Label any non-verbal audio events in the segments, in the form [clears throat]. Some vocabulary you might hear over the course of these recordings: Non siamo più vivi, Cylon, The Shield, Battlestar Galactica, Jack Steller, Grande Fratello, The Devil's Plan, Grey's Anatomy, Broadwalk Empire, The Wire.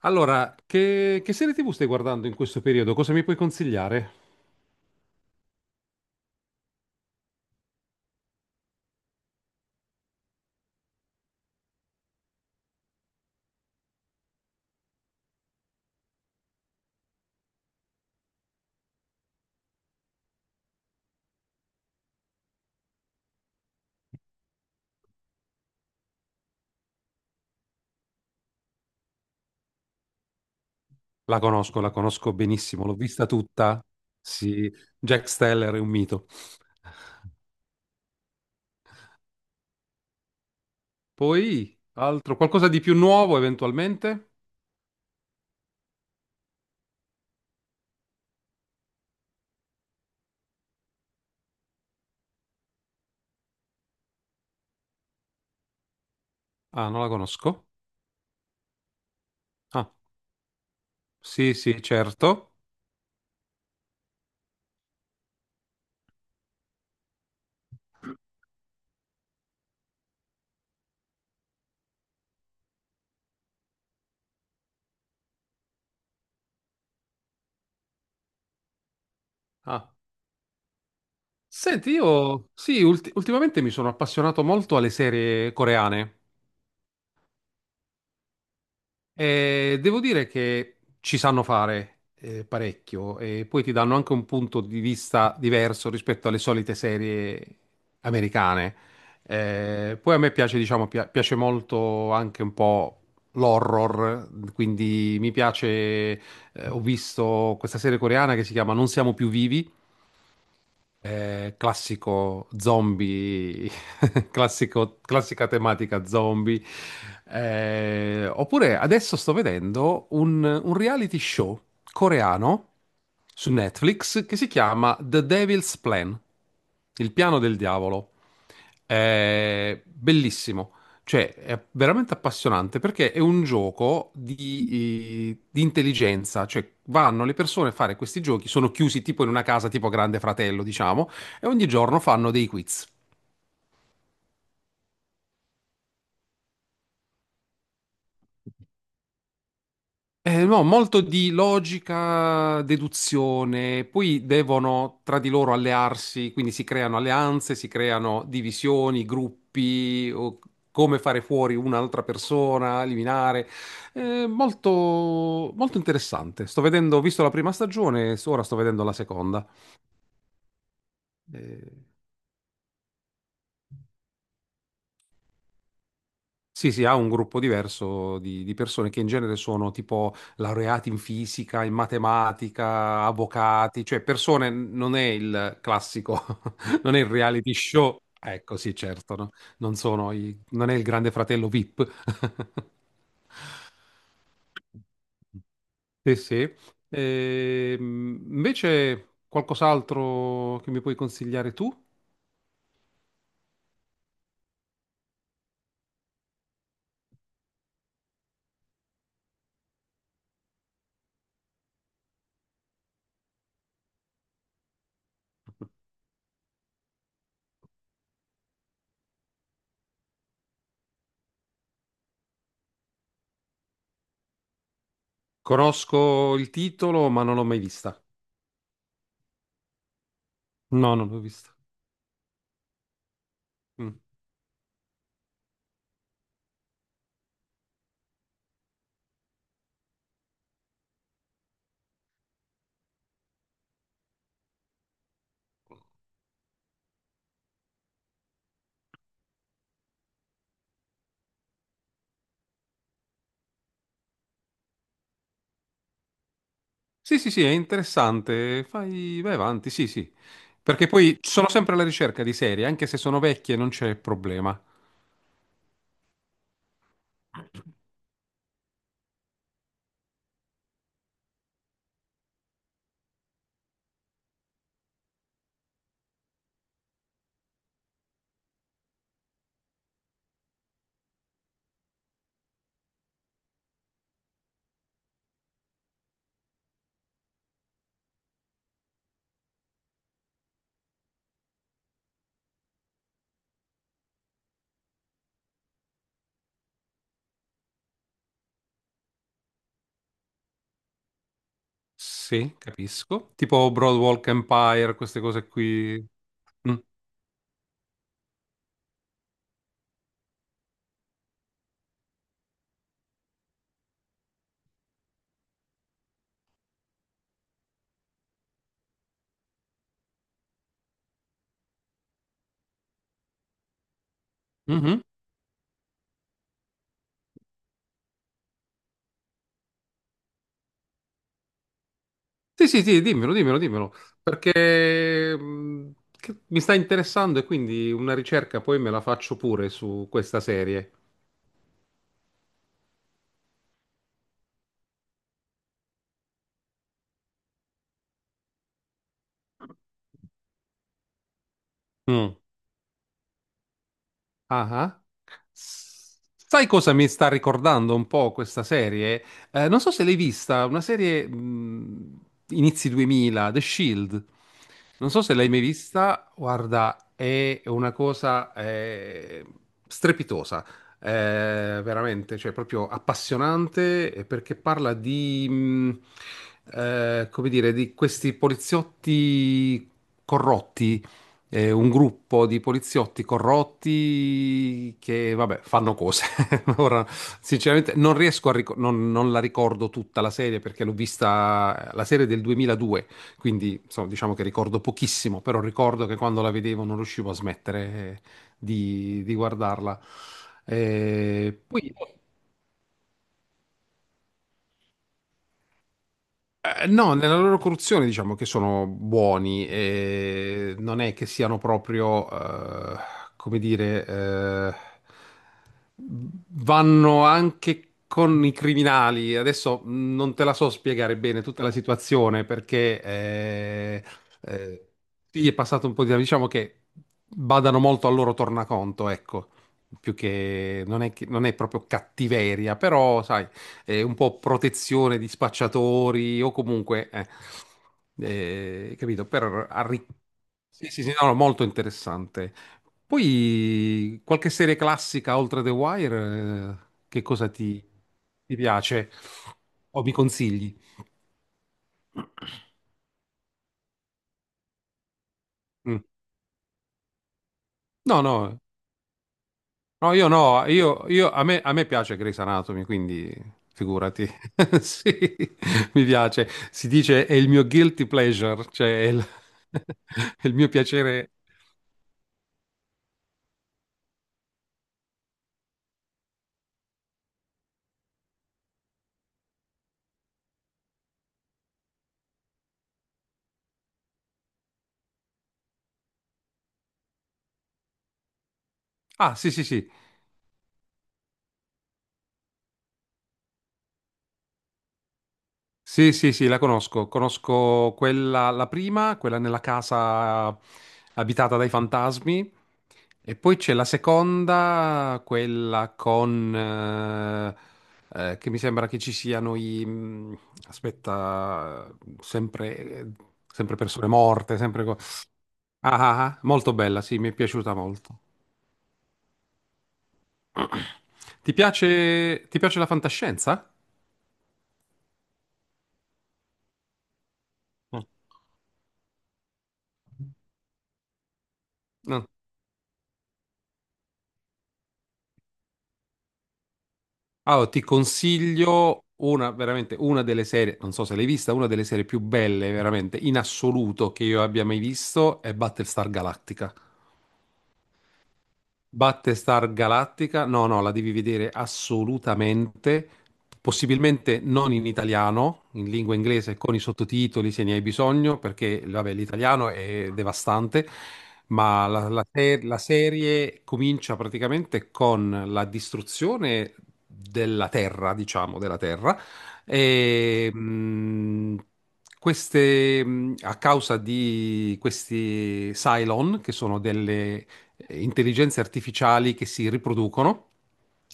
Allora, che serie TV stai guardando in questo periodo? Cosa mi puoi consigliare? La conosco benissimo, l'ho vista tutta. Sì, Jack Steller è un mito. Poi, altro, qualcosa di più nuovo eventualmente? Ah, non la conosco. Ah, sì, sì, certo. Ah. Senti, io sì, ultimamente mi sono appassionato molto alle serie coreane. Devo dire che ci sanno fare parecchio e poi ti danno anche un punto di vista diverso rispetto alle solite serie americane. Poi a me piace, diciamo, piace molto anche un po' l'horror, quindi mi piace, ho visto questa serie coreana che si chiama Non siamo più vivi, classico zombie. [laughs] Classica tematica zombie. Oppure adesso sto vedendo un reality show coreano su Netflix che si chiama The Devil's Plan, il piano del diavolo. Bellissimo, cioè, è veramente appassionante perché è un gioco di intelligenza, cioè vanno le persone a fare questi giochi, sono chiusi tipo in una casa tipo Grande Fratello, diciamo, e ogni giorno fanno dei quiz. No, molto di logica, deduzione, poi devono tra di loro allearsi, quindi si creano alleanze, si creano divisioni, gruppi, o come fare fuori un'altra persona, eliminare. Molto, molto interessante. Sto vedendo, ho visto la prima stagione, ora sto vedendo la seconda. Eh, Sì, sì, ha un gruppo diverso di, persone che in genere sono tipo laureati in fisica, in matematica, avvocati, cioè persone, non è il classico, [laughs] non è il reality show. Ecco, sì, certo, no? Non sono i- non è il Grande Fratello VIP. [laughs] Sì, sì. Invece qualcos'altro che mi puoi consigliare tu? Conosco il titolo, ma non l'ho mai vista. No, non l'ho vista. Mm. Sì, sì, sì, è interessante. Fai, vai avanti, sì, sì. Perché poi sono sempre alla ricerca di serie, anche se sono vecchie non c'è problema. Sì, capisco. Tipo Broadwalk Empire, queste cose qui. Mm. Mhm. Sì, sì, sì, dimmelo, dimmelo, dimmelo. Perché mi sta interessando e quindi una ricerca poi me la faccio pure su questa serie. Mm. Ah, ah. Sai cosa mi sta ricordando un po' questa serie? Non so se l'hai vista, una serie inizi 2000, The Shield. Non so se l'hai mai vista, guarda, è una cosa strepitosa, eh, veramente, cioè proprio appassionante perché parla di, come dire, di questi poliziotti corrotti, un gruppo di poliziotti corrotti che, vabbè, fanno cose. [laughs] Ora, sinceramente, non riesco a ricordare, non la ricordo tutta la serie perché l'ho vista, la serie del 2002, quindi insomma, diciamo che ricordo pochissimo, però ricordo che quando la vedevo non riuscivo a smettere, eh, di, guardarla. Poi No, nella loro corruzione diciamo che sono buoni, e non è che siano proprio, come dire, vanno anche con i criminali. Adesso non te la so spiegare bene tutta la situazione perché eh, sì, è passato un po' di tempo, diciamo che badano molto al loro tornaconto, ecco, più che non è, non è proprio cattiveria, però sai, un po' protezione di spacciatori o comunque, capito, per arricchire. Sì, sì, sì, no, no, molto interessante. Poi qualche serie classica oltre The Wire, che cosa ti piace o mi consigli? Mm. No, no, no, io no, a me piace Grey's Anatomy, quindi figurati, [laughs] sì, mi piace. Si dice è il mio guilty pleasure, cioè [laughs] è il mio piacere. Ah, sì, sì, sì. Sì, sì, sì, la conosco. Conosco quella, la prima, quella nella casa abitata dai fantasmi. E poi c'è la seconda, quella con che mi sembra che ci siano i, aspetta, sempre, sempre persone morte, sempre. Ah, ah, ah, molto bella, sì, mi è piaciuta molto. [clears throat] Ti piace la fantascienza? Mm. Allora, ti consiglio una, veramente una delle serie, non so se l'hai vista, una delle serie più belle veramente in assoluto che io abbia mai visto è Battlestar Galactica. Battlestar Galactica, no, no, la devi vedere assolutamente, possibilmente non in italiano, in lingua inglese con i sottotitoli se ne hai bisogno, perché vabbè, l'italiano è devastante, ma la, la se- la serie comincia praticamente con la distruzione della Terra, diciamo, della Terra, e a causa di questi Cylon, che sono delle intelligenze artificiali che si riproducono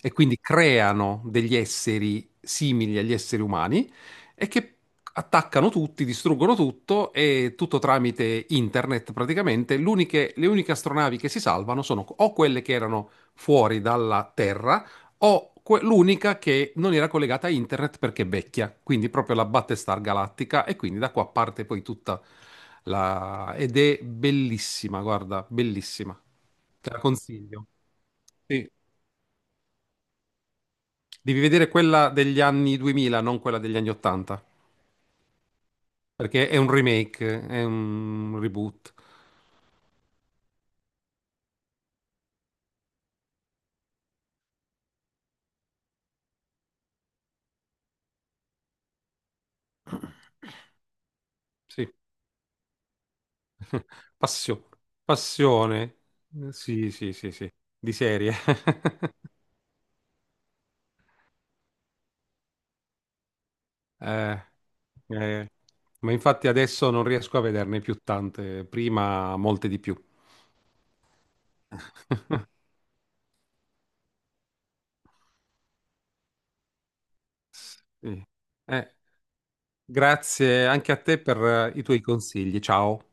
e quindi creano degli esseri simili agli esseri umani e che attaccano tutti, distruggono tutto e tutto tramite internet praticamente. Le uniche astronavi che si salvano sono o quelle che erano fuori dalla Terra o l'unica che non era collegata a internet perché è vecchia, quindi proprio la Battlestar Galattica e quindi da qua parte poi ed è bellissima, guarda, bellissima. Te la consiglio. Sì. Devi vedere quella degli anni 2000, non quella degli anni 80, perché è un remake, è un reboot. Sì, Passio- passione. Sì, sì, sì, sì, di serie. [laughs] Eh, eh, Ma infatti adesso non riesco a vederne più tante, prima molte di più. [laughs] Sì. Eh, Grazie anche a te per i tuoi consigli. Ciao.